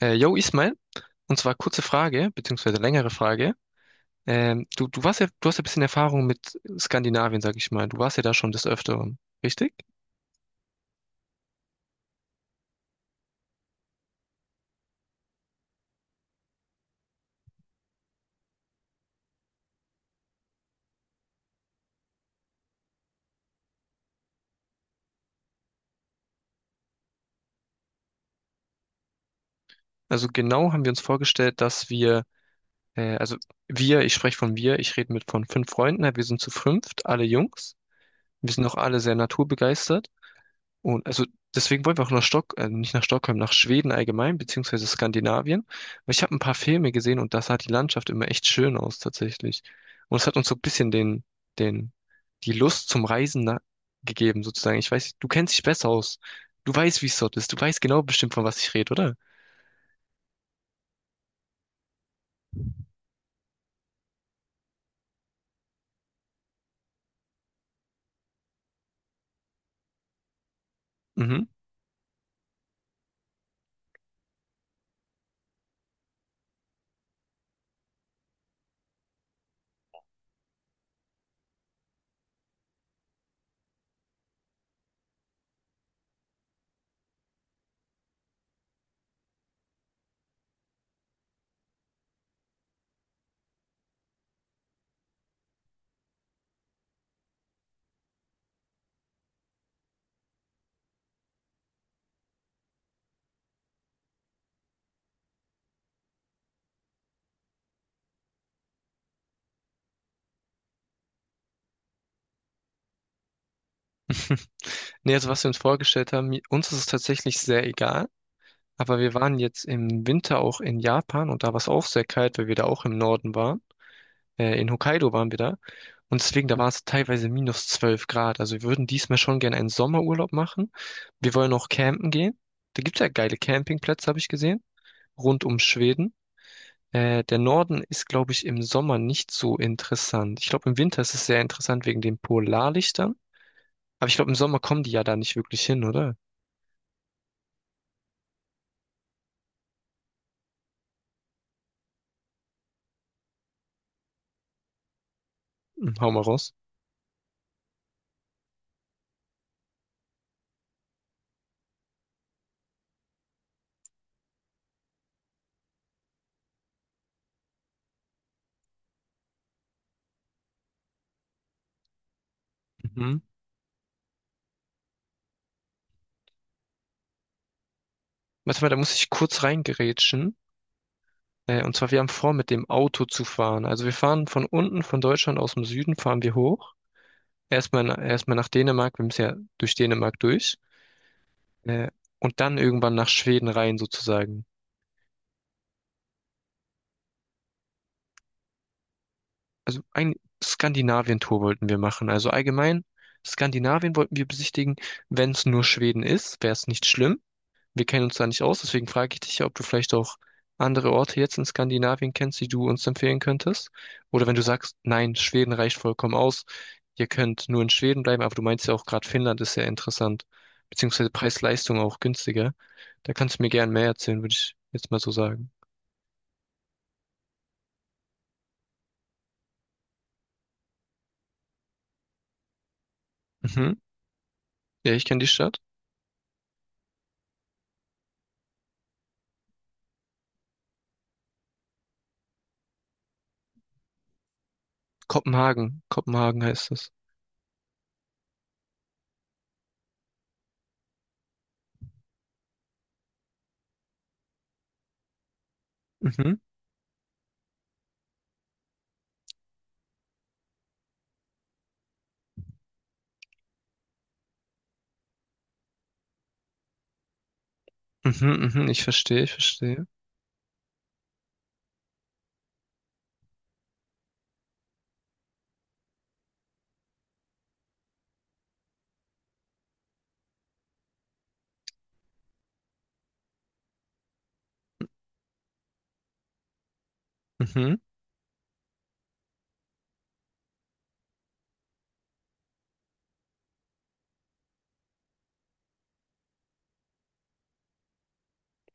Yo, Ismail, und zwar kurze Frage, beziehungsweise längere Frage. Du du hast ja ein bisschen Erfahrung mit Skandinavien, sag ich mal. Du warst ja da schon des Öfteren, richtig? Also genau haben wir uns vorgestellt, dass wir, also wir, ich spreche von wir, ich rede mit von fünf Freunden, wir sind zu fünft, alle Jungs. Wir sind auch alle sehr naturbegeistert. Und also deswegen wollen wir auch nach nicht nach Stockholm, nach Schweden allgemein, beziehungsweise Skandinavien. Weil ich habe ein paar Filme gesehen und da sah die Landschaft immer echt schön aus tatsächlich. Und es hat uns so ein bisschen den, die Lust zum Reisen gegeben, sozusagen. Ich weiß, du kennst dich besser aus. Du weißt, wie es dort ist. Du weißt genau bestimmt, von was ich rede, oder? Mhm. Nee, also was wir uns vorgestellt haben, uns ist es tatsächlich sehr egal. Aber wir waren jetzt im Winter auch in Japan und da war es auch sehr kalt, weil wir da auch im Norden waren. In Hokkaido waren wir da. Und deswegen, da war es teilweise minus 12 Grad. Also wir würden diesmal schon gerne einen Sommerurlaub machen. Wir wollen auch campen gehen. Da gibt's ja geile Campingplätze, habe ich gesehen, rund um Schweden. Der Norden ist, glaube ich, im Sommer nicht so interessant. Ich glaube, im Winter ist es sehr interessant wegen den Polarlichtern. Aber ich glaube, im Sommer kommen die ja da nicht wirklich hin, oder? Hm, hau mal raus. Mhm. Warte mal, da muss ich kurz reingerätschen. Und zwar, wir haben vor, mit dem Auto zu fahren. Also wir fahren von unten, von Deutschland aus dem Süden, fahren wir hoch. Erstmal nach Dänemark, wir müssen ja durch Dänemark durch. Äh, und dann irgendwann nach Schweden rein sozusagen. Also ein Skandinavien-Tour wollten wir machen. Also allgemein, Skandinavien wollten wir besichtigen. Wenn es nur Schweden ist, wäre es nicht schlimm. Wir kennen uns da nicht aus, deswegen frage ich dich ja, ob du vielleicht auch andere Orte jetzt in Skandinavien kennst, die du uns empfehlen könntest. Oder wenn du sagst, nein, Schweden reicht vollkommen aus, ihr könnt nur in Schweden bleiben, aber du meinst ja auch gerade Finnland ist sehr interessant, beziehungsweise Preis-Leistung auch günstiger. Da kannst du mir gern mehr erzählen, würde ich jetzt mal so sagen. Mhm. Ja, ich kenne die Stadt. Kopenhagen. Kopenhagen heißt es. Mhm. Mhm, mhm, ich verstehe, ich verstehe. Mhm.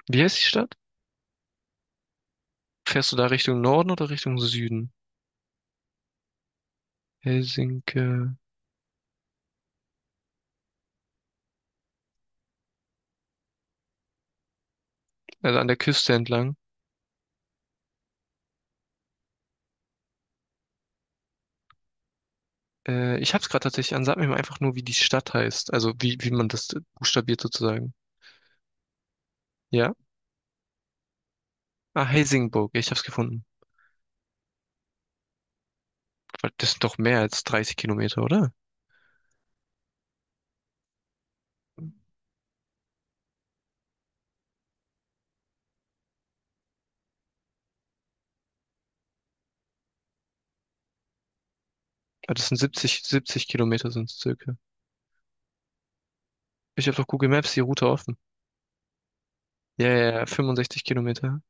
Wie heißt die Stadt? Fährst du da Richtung Norden oder Richtung Süden? Helsinki. Also an der Küste entlang. Ich hab's gerade tatsächlich an, sag mir mal einfach nur, wie die Stadt heißt. Also wie man das buchstabiert sozusagen. Ja? Ah, Helsingborg, ich hab's gefunden. Weil das sind doch mehr als 30 Kilometer, oder? Ah, das sind 70, 70 Kilometer sind es circa. Ich habe doch Google Maps die Route offen. Ja, ja, ja, 65 Kilometer.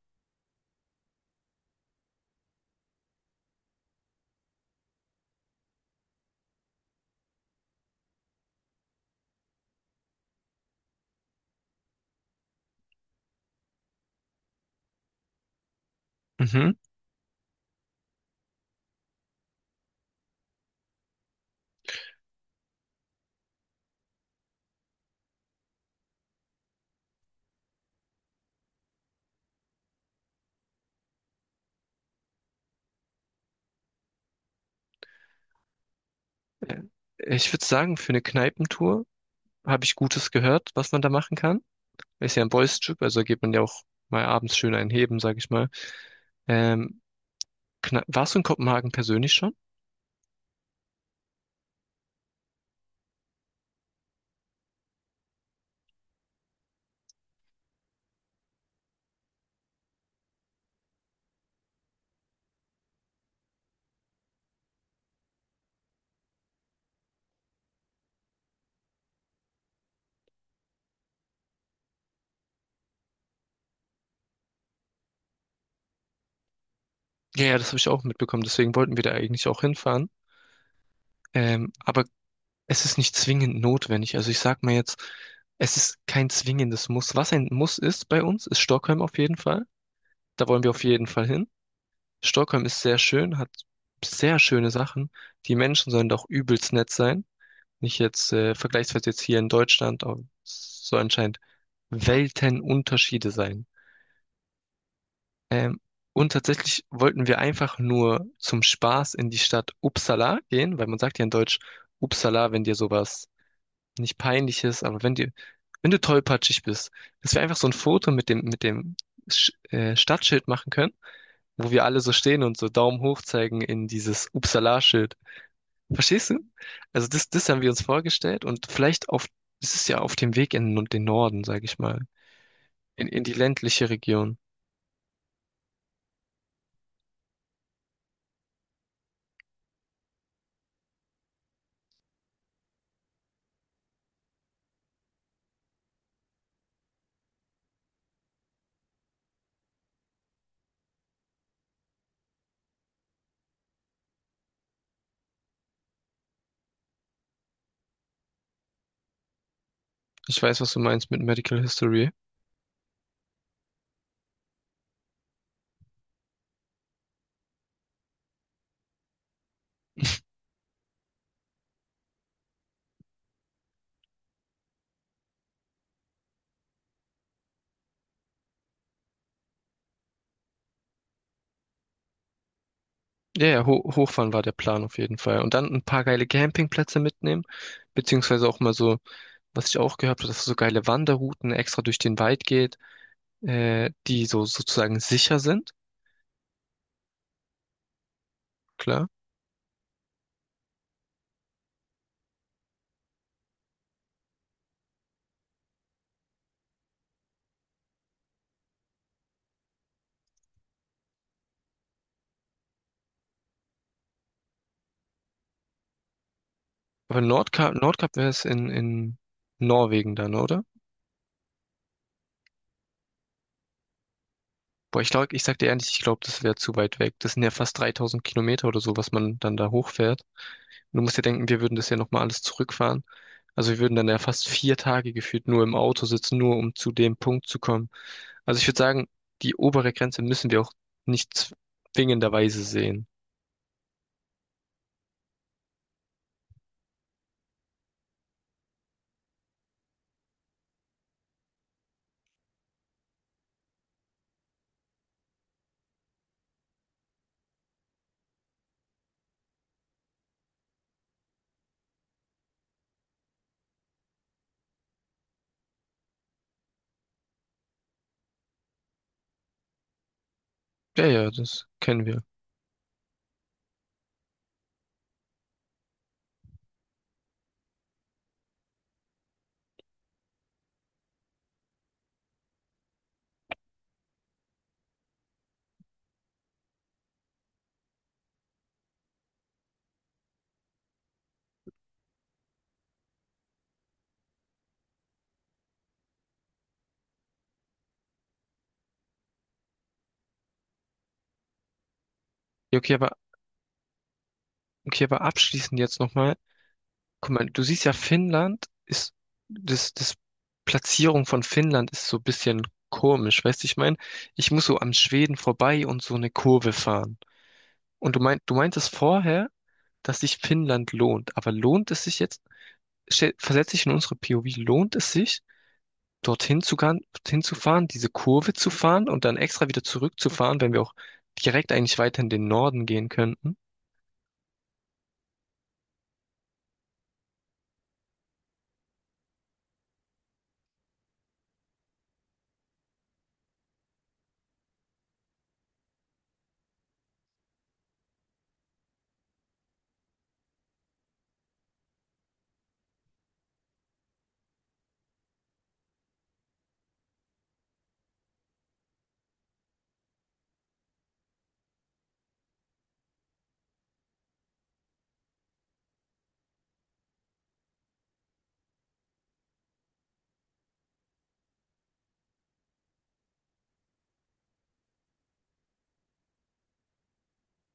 Mhm. Äh, Ich würde sagen, für eine Kneipentour habe ich Gutes gehört, was man da machen kann. Ist ja ein Boys-Trip, also geht man ja auch mal abends schön einheben, sag ich mal. Ähm, Warst du in Kopenhagen persönlich schon? Ja, ja, das habe ich auch mitbekommen. Deswegen wollten wir da eigentlich auch hinfahren. Aber es ist nicht zwingend notwendig. Also ich sag mal jetzt, es ist kein zwingendes Muss. Was ein Muss ist bei uns, ist Stockholm auf jeden Fall. Da wollen wir auf jeden Fall hin. Stockholm ist sehr schön, hat sehr schöne Sachen. Die Menschen sollen doch übelst nett sein. Nicht jetzt vergleichsweise jetzt hier in Deutschland, aber es soll anscheinend Weltenunterschiede sein. Ähm, und tatsächlich wollten wir einfach nur zum Spaß in die Stadt Uppsala gehen, weil man sagt ja in Deutsch Uppsala, wenn dir sowas nicht peinlich ist, aber wenn du tollpatschig bist, dass wir einfach so ein Foto mit dem Sch Stadtschild machen können, wo wir alle so stehen und so Daumen hoch zeigen in dieses Uppsala-Schild. Verstehst du? Also das haben wir uns vorgestellt und das ist ja auf dem Weg in den Norden, sage ich mal, in die ländliche Region. Ich weiß, was du meinst mit Medical History. Ja, ja, Ho Hochfahren war der Plan auf jeden Fall. Und dann ein paar geile Campingplätze mitnehmen, beziehungsweise auch mal so, was ich auch gehört habe, dass so geile Wanderrouten extra durch den Wald geht, die so sozusagen sicher sind, klar. Aber Nordkap wäre es in Norwegen dann, oder? Boah, ich glaube, ich sag dir ehrlich, ich glaube, das wäre zu weit weg. Das sind ja fast 3000 Kilometer oder so, was man dann da hochfährt. Du musst dir denken, wir würden das ja nochmal alles zurückfahren. Also wir würden dann ja fast 4 Tage gefühlt nur im Auto sitzen, nur um zu dem Punkt zu kommen. Also ich würde sagen, die obere Grenze müssen wir auch nicht zwingenderweise sehen. Ja, ja, das kennen wir. Ja, okay, aber abschließend jetzt nochmal. Guck mal, du siehst ja, Finnland ist, das Platzierung von Finnland ist so ein bisschen komisch, weißt du, ich meine, ich muss so am Schweden vorbei und so eine Kurve fahren. Und du meintest vorher, dass sich Finnland lohnt. Aber lohnt es sich jetzt, versetze ich in unsere POV, lohnt es sich, dorthin zu fahren, diese Kurve zu fahren und dann extra wieder zurückzufahren, wenn wir auch direkt eigentlich weiter in den Norden gehen könnten?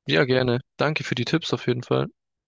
Ja, gerne. Danke für die Tipps auf jeden Fall.